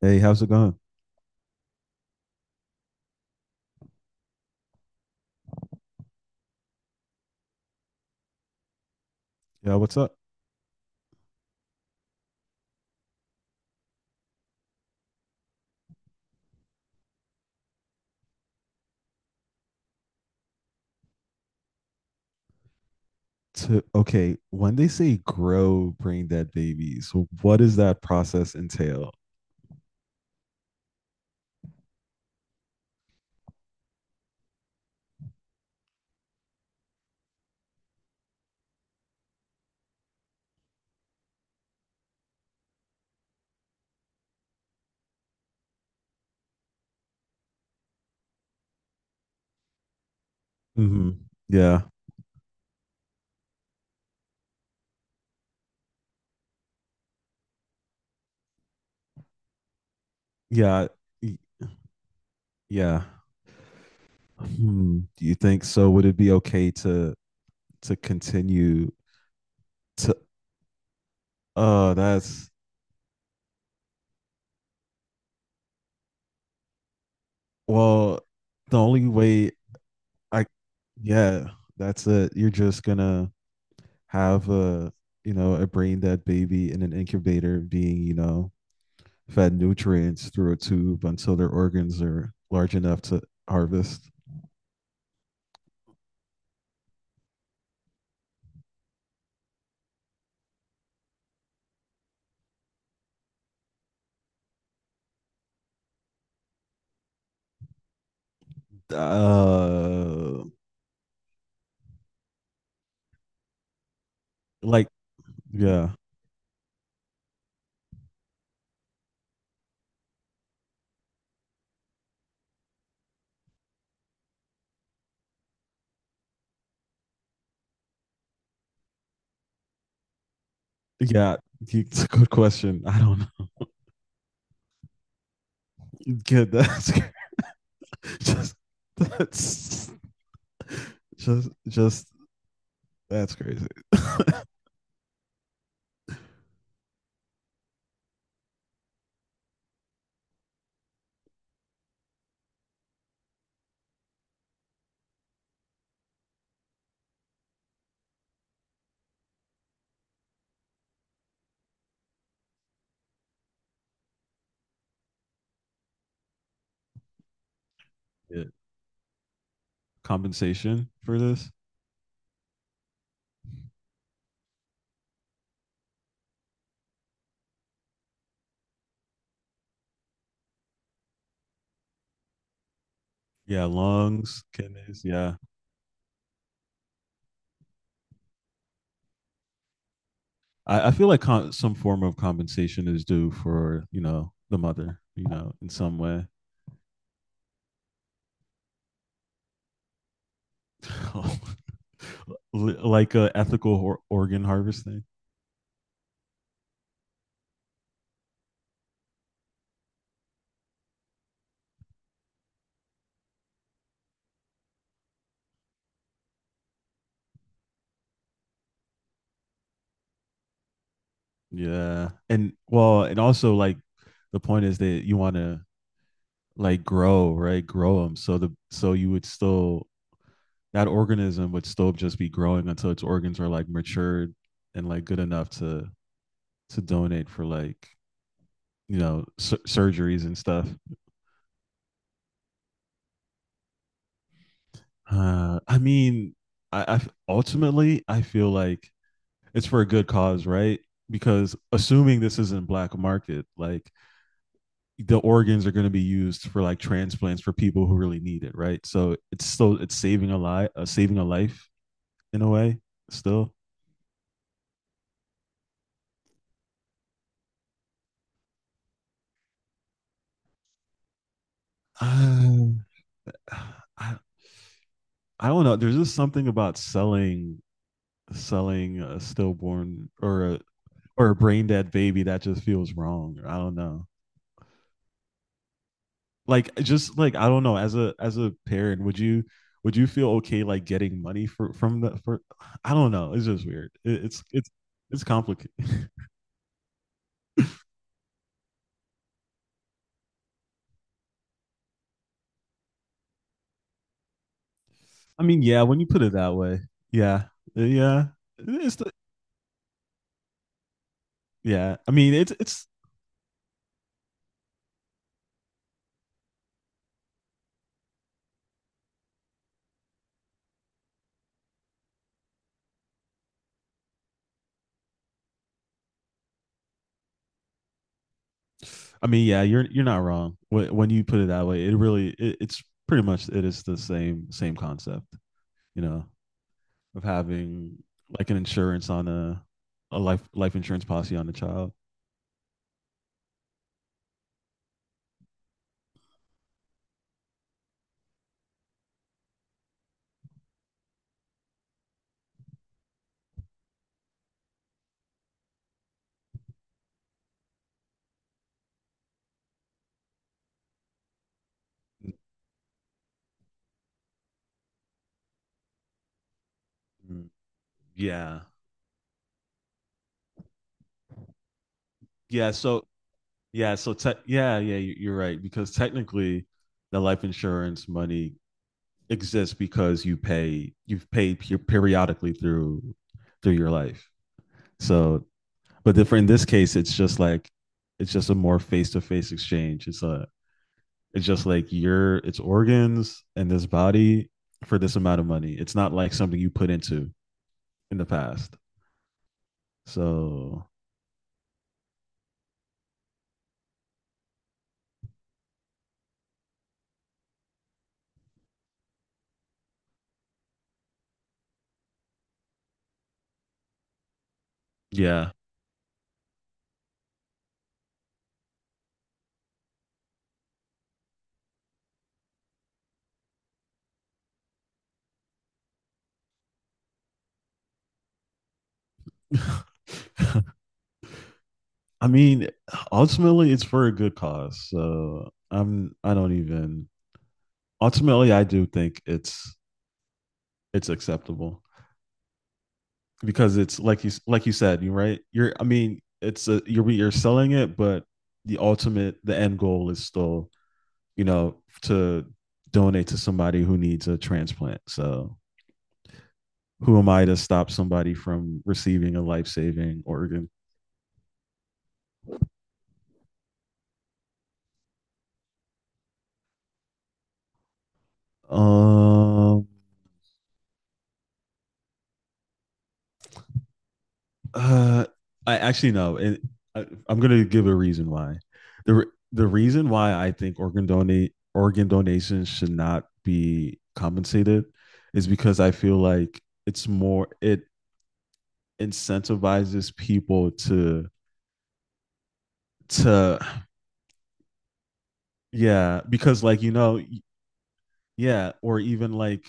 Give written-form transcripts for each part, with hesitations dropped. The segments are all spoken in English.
Hey, how's it going? Yeah, what's up? Okay, when they say grow brain dead babies, what does that process entail? Hmm. Yeah, yeah, y- yeah. Hmm. Do you think so? Would it be okay to continue? T- that's Well, the only way, I, yeah, that's it. You're just gonna have a brain dead baby in an incubator being, fed nutrients through a tube until their organs are large enough to harvest. Uh, like, yeah, yeah. It's a good question. I don't know. Good. That's just that's just, that's crazy. Yeah. Compensation for this? Yeah, lungs, kidneys. Yeah, I feel like some form of compensation is due for, the mother, in some way. Like a ethical organ harvesting. Yeah. And well, and also, like, the point is that you want to, like, grow, right? Grow them. So the so you would still, that organism would still just be growing until its organs are, like, matured and, like, good enough to donate for, like, surgeries and stuff. I mean, I ultimately I feel like it's for a good cause, right? Because assuming this isn't black market, like, the organs are going to be used for, like, transplants for people who really need it, right? So it's still it's saving a life in a way. Still, um, I I don't know. There's just something about selling a stillborn or a brain dead baby that just feels wrong. I don't know. Like, just like I don't know. As a parent, would you, feel okay, like, getting money for from the for? I don't know. It's just weird. It, it's complicated. I mean, yeah, when you put it that way. Yeah, yeah. it's the, yeah. I mean, it's. I mean, yeah, you're not wrong when you put it that way. It really, it's pretty much, it is the same concept, you know, of having, like, an insurance on a life insurance policy on a child. Mm, yeah, yeah. So yeah, so yeah, yeah. You're right because technically, the life insurance money exists because you've paid periodically through your life. So, but for in this case, it's just like, it's just a more face to face exchange. It's just like, your it's organs and this body for this amount of money. It's not like something you put into in the past. So yeah. I mean, ultimately, it's for a good cause. So I don't even, ultimately, I do think it's acceptable. Because it's like, you said, you right. You're I mean, it's a you're selling it, but the end goal is still, to donate to somebody who needs a transplant. So who am I to stop somebody from receiving a life saving organ? Um, Uh, I actually, no. I'm gonna give a reason why. the The reason why I think organ donations should not be compensated is because I feel like it's more, it incentivizes people to. Yeah, because, like, you know. Yeah, or even like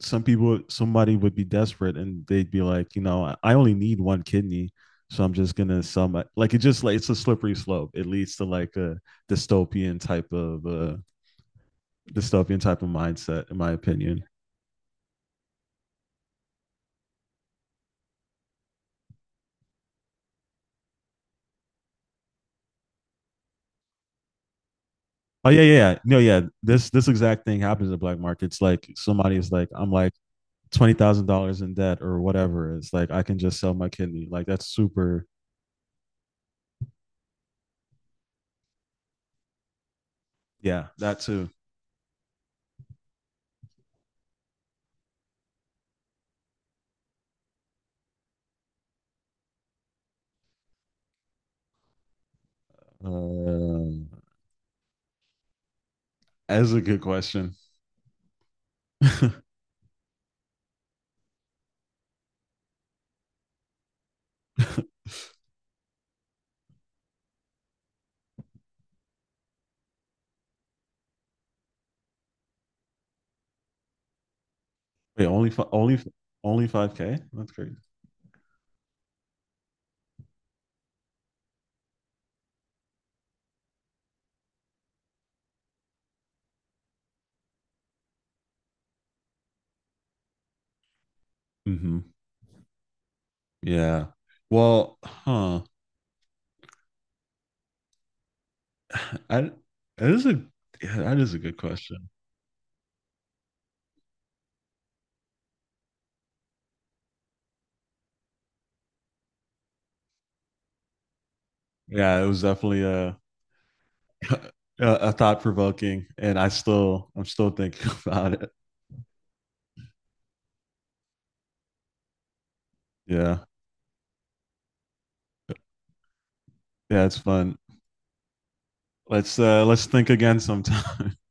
some people, somebody would be desperate and they'd be like, you know, only need one kidney, so I'm just gonna sell my, like, it just, like, it's a slippery slope. It leads to like a dystopian type of uh dystopian type of mindset in my opinion. Oh yeah, yeah, yeah. No, yeah. This exact thing happens in the black markets. Like, somebody is like, I'm like, $20,000 in debt or whatever. It's like I can just sell my kidney. Like, that's super. Yeah, that too. Um, that's a good question. Wait, only fi- only only 5K? That's crazy. Mm-hmm. Yeah. Well, huh. I that is a Yeah, that is a good question. Yeah, it was definitely a a, a thought provoking, and I'm still thinking about it. Yeah, yeah, it's fun. Let's, let's think again sometime.